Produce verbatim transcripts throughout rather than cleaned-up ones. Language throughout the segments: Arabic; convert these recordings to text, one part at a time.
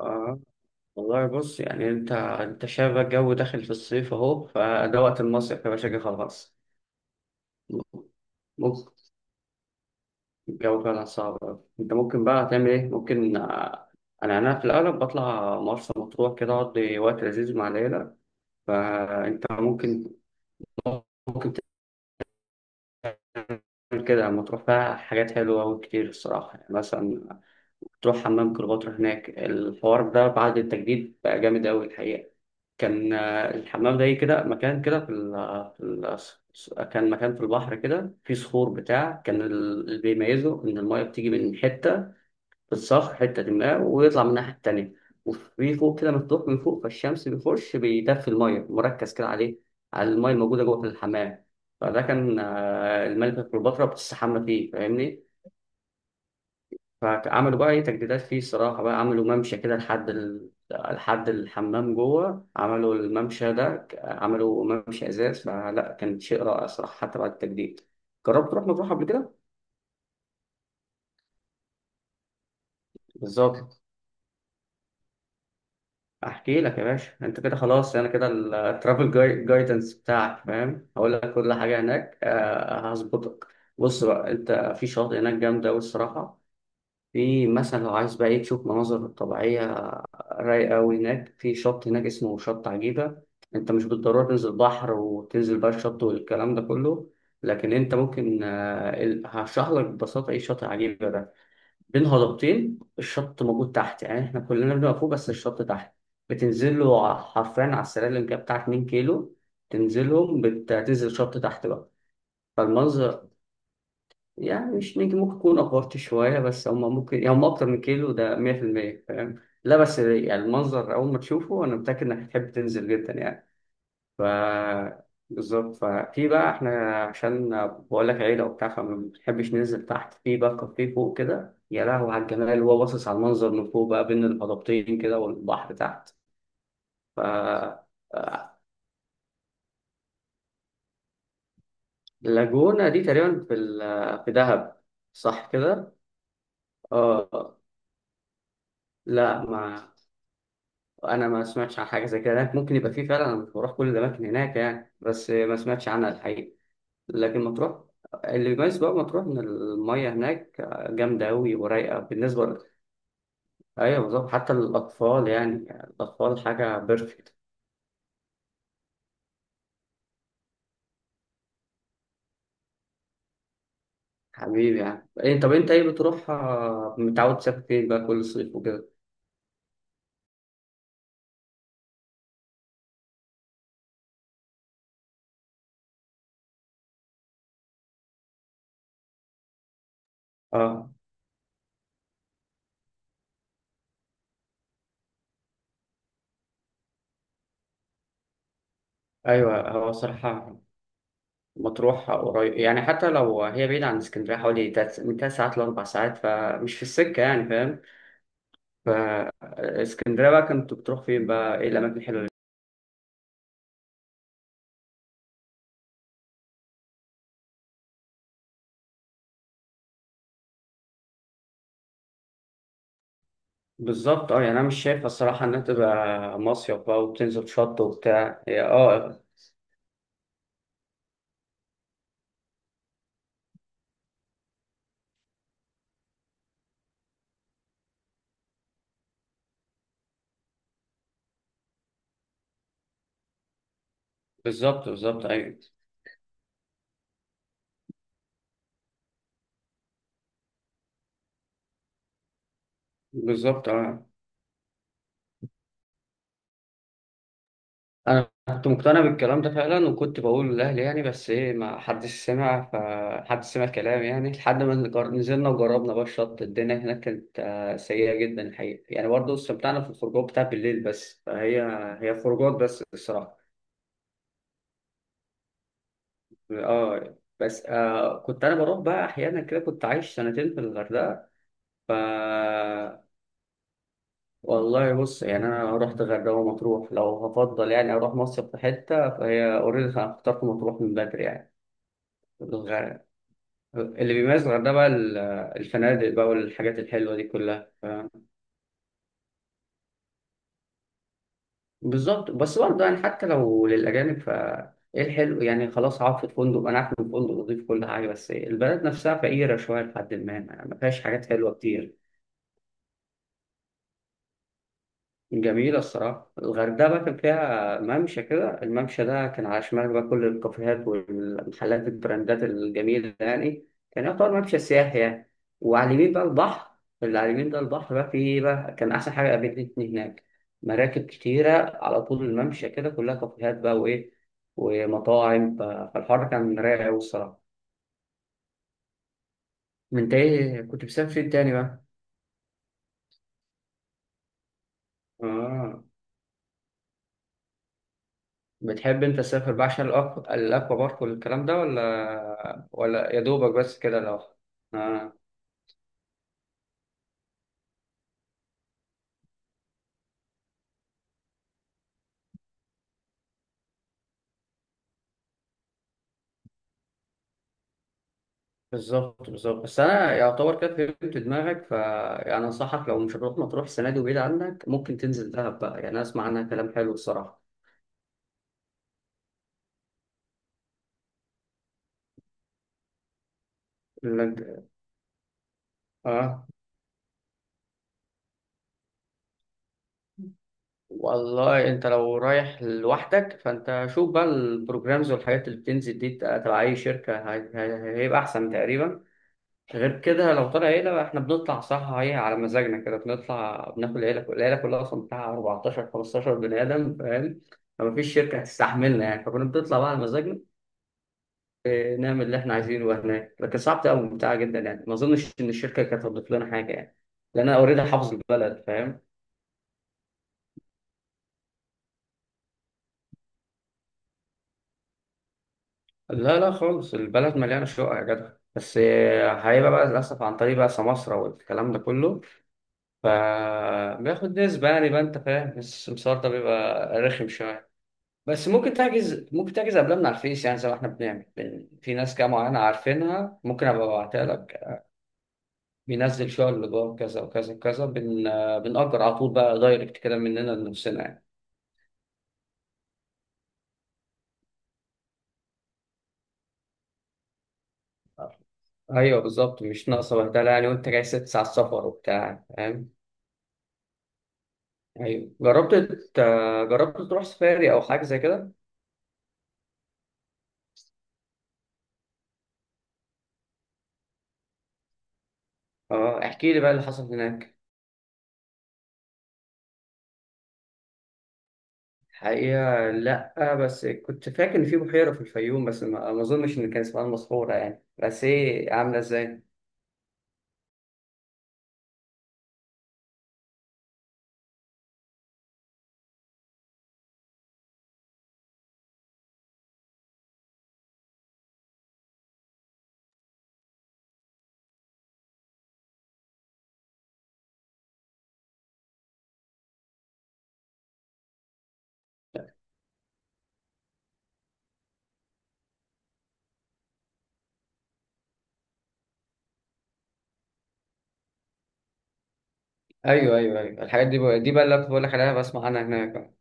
آه. والله بص، يعني انت انت شايف الجو داخل في الصيف اهو، فده وقت المصيف يا باشا، جه خلاص. ممكن، الجو فعلا صعب أوي. انت ممكن بقى تعمل ايه؟ ممكن آه، انا انا في الاغلب بطلع مرسى مطروح كده، اقضي وقت لذيذ مع العيله. فانت ممكن ممكن تعمل كده لما تروح، فيها حاجات حلوه وكتير الصراحه، يعني مثلا تروح حمام كليوباترا. هناك الحوار ده بعد التجديد بقى جامد أوي الحقيقة. كان آه، الحمام ده إيه كده، مكان كده في ال في ال كان مكان في البحر كده، في صخور بتاع، كان ال- اللي بيميزه إن الماية بتيجي من حتة في الصخر، حتة ما، ويطلع من الناحية التانية، وفي فوق كده مفتوح من فوق، فالشمس بيخش بيدفي الماية، مركز كده عليه، على الماية الموجودة جوه في الحمام. فده كان آه، الملكة كليوباترا بتستحمى فيه، فاهمني. فعملوا بقى ايه، تجديدات فيه الصراحة بقى، عملوا ممشى كده لحد ال... لحد الحمام جوه، عملوا الممشى ده ك- عملوا ممشى ازاز فلا، كان شيء رائع صراحة حتى بعد التجديد. جربت تروح مطروح قبل كده؟ بالظبط. احكي لك يا باشا، انت كده خلاص، انا كده الترافل جايدنس بتاعك فاهم، هقول لك كل حاجة هناك، آه، هظبطك. بص بقى، انت في شاطئ هناك جامدة أوي الصراحة. في مثلا لو عايز بقى إيه تشوف مناظر طبيعية رايقة أوي، هناك في شط هناك اسمه شط عجيبة. أنت مش بالضرورة تنزل بحر، وتنزل بقى الشط والكلام ده كله، لكن أنت ممكن آه، ال- هشرح لك ببساطة إيه شط عجيبة ده. بين هضبتين الشط موجود تحت، يعني إحنا كلنا بنبقى فوق بس الشط تحت. بتنزل له ع- حرفيا على السلالم كده بتاع اتنين كيلو، تنزلهم، بت- بتنزل الشط تحت بقى. فالمنظر، يعني مش نجم، ممكن يكون افورت شويه، بس هم ممكن يعني هم اكتر من كيلو ده مية في المية، فاهم؟ لا بس يعني المنظر اول ما تشوفه انا متاكد انك هتحب تنزل جدا يعني. ف بالظبط. ففي بقى، احنا عشان بقول لك عيله وبتاع، فما بنحبش ننزل تحت، في بقى كافيه فوق كده، يا لهوي على الجمال، وهو باصص على المنظر من فوق بقى، بين الهضبتين كده والبحر تحت. ف اللاجونة دي تقريبا في ال- في دهب، صح كده؟ اه. لا ما انا ما سمعتش عن حاجه زي كده هناك، ممكن يبقى فيه فعلا، انا مش بروح كل الاماكن هناك يعني، بس ما سمعتش عنها الحقيقه. لكن مطروح، اللي بيميز بقى مطروح ان الميه هناك جامده قوي ورايقه بالنسبه. ايوه بالظبط، حتى الاطفال يعني، الاطفال حاجه بيرفكت. حبيبي، يعني إيه، طب انت ايه بتروح آه، متعود تسافر فين بقى كل صيف وكده؟ اه. ايوه هو صراحه، مطروح قريب، يعني حتى لو هي بعيدة عن اسكندرية حوالي تلات- من تلات ساعات لأربع ساعات، فمش في السكة يعني، فاهم؟ فاسكندريه بقى كنت بتروح فين بقى، ايه الاماكن الحلوه اللي- بالظبط اه، يعني انا مش شايف الصراحه انها تبقى مصيف بقى وبتنزل شط وبتاع، هي اه، بالظبط بالظبط، ايوه، بالظبط اه. انا كنت مقتنع بالكلام ده فعلا، وكنت بقول لاهلي يعني، بس ايه، ما حدش سمع، فحد سمع كلام يعني، لحد ما نجر- نزلنا وجربنا بقى الشط. الدنيا هناك كانت آه، سيئه جدا الحقيقه، يعني برضه استمتعنا في الخروجات بتاع بالليل بس، فهي هي خروجات بس الصراحه. اه بس آه كنت انا بروح بقى احيانا كده، كنت عايش سنتين في الغردقه. ف والله بص، يعني انا رحت الغردقه ومطروح، لو هفضل يعني اروح مصيف في حته، فهي اوريدي انا اخترت مطروح من بدري يعني. الغ- اللي بيميز الغردقه بقى ال- الفنادق بقى، والحاجات الحلوه دي كلها ف... بالظبط، بس برضه يعني حتى لو للاجانب. ف ايه الحلو يعني؟ خلاص، اقعد في الفندق، انا عارف ان الفندق نضيف كل حاجه، بس البلد نفسها فقيره شويه، لحد ما ما فيهاش حاجات حلوه كتير. جميلة الصراحة، الغردقة بقى كان فيها ممشى كده، الممشى ده كان على شمال بقى كل الكافيهات والمحلات البراندات الجميلة يعني، كان يعتبر ممشى سياحي يعني. وعلى اليمين بقى البحر، اللي على اليمين ده البحر بقى، فيه بقى كان أحسن حاجة قابلتني هناك، مراكب كتيرة على طول الممشى كده، كلها كافيهات بقى، وإيه، ومطاعم، ف- فالحر كان رايق أوي الصراحة. من إنت إيه كنت بتسافر فين تاني بقى؟ آه. بتحب انت تسافر بقى عشان الأك- الاكوا بارك والكلام ده، ولا ولا يا دوبك بس كده لو؟ آه. بالظبط بالظبط، بس انا يعتبر كده فهمت دماغك. ف يعني انصحك، لو مش هتروح مطروح السنه دي وبعيد عنك، ممكن تنزل دهب بقى، يعني أنا اسمع عنها كلام حلو الصراحه. لك- اه والله، انت لو رايح لوحدك فانت شوف بقى البروجرامز والحاجات اللي بتنزل دي تبع اي شركه، هي- هي- هيبقى احسن تقريبا. غير كده، لو طلع عيلة بقى، احنا بنطلع صح، هي على مزاجنا كده، بنطلع بناكل عيلة، كل- العيلة كلها أصلا بتاع اربعتاشر خمستاشر بني آدم، فاهم؟ فمفيش شركة هتستحملنا يعني، فكنا بنطلع بقى على مزاجنا، اه، نعمل اللي احنا عايزينه. وهناك لكن صعب أوي، ممتعة جدا يعني، ما أظنش إن الشركة كانت هتضيف لنا حاجة يعني، لأن أنا أوريدي حافظ البلد، فاهم. لا لا خالص، البلد مليانة شقق يا جدع، بس اه، هيبقى بقى للأسف عن طريق بقى سماسرة والكلام ده كله، فبياخد نسبة يعني بقى، أنت فاهم، بس السمسار ده بيبقى رخم شوية. بس ممكن تحجز، ممكن تحجز قبلها من على الفيس، يعني زي ما احنا بنعمل، بن... في ناس كده معينة عارفينها، ممكن ابقى ابعتها لك. بينزل شغل جوه كذا وكذا وكذا، بن... بنأجر على طول بقى، دايركت كده مننا لنفسنا يعني. ايوه بالظبط، مش ناقصه بهدله يعني، وانت جاي ست ساعات سفر وبتاع، فاهم؟ ايوه. جربت ت- جربت تروح سفاري او حاجه زي كده؟ اه، احكي لي بقى اللي حصل هناك. الحقيقه لا، بس كنت فاكر ان في بحيره في الفيوم، بس ما ما اظنش ان كان اسمها المسحوره يعني، بس ايه عامله ازاي؟ ايوه ايوه ايوه، الحاجات دي بقى، دي بقى اللي كنت بقول لك عليها، بسمع عنها هناك بقى.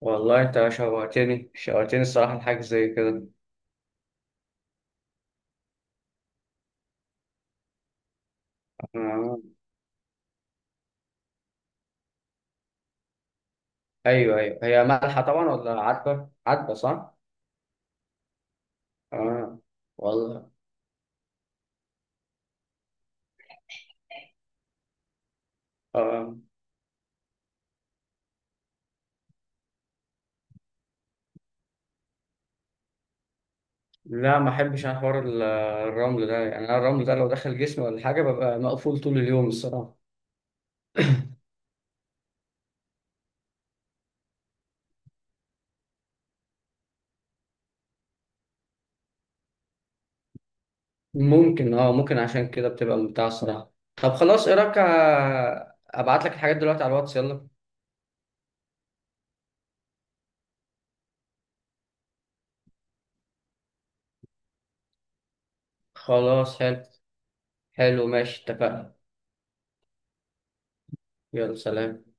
والله انت شوقتني شوقتني الصراحه لحاجه زي كده. آه. ايوه ايوه، هي مالحه طبعا ولا عذبه؟ عذبه، صح؟ اه والله. آه. لا، ما احبش انا حوار ال- الرمل ده، يعني انا الرمل ده لو دخل جسمي ولا حاجه ببقى مقفول طول اليوم الصراحه. ممكن، اه، ممكن عشان كده بتبقى ممتعه الصراحه. طب خلاص، ايه رايك آه، ابعت لك الحاجات دلوقتي على الواتس، يلا. خلاص، حلو حلو، ماشي اتفقنا. يلا سلام.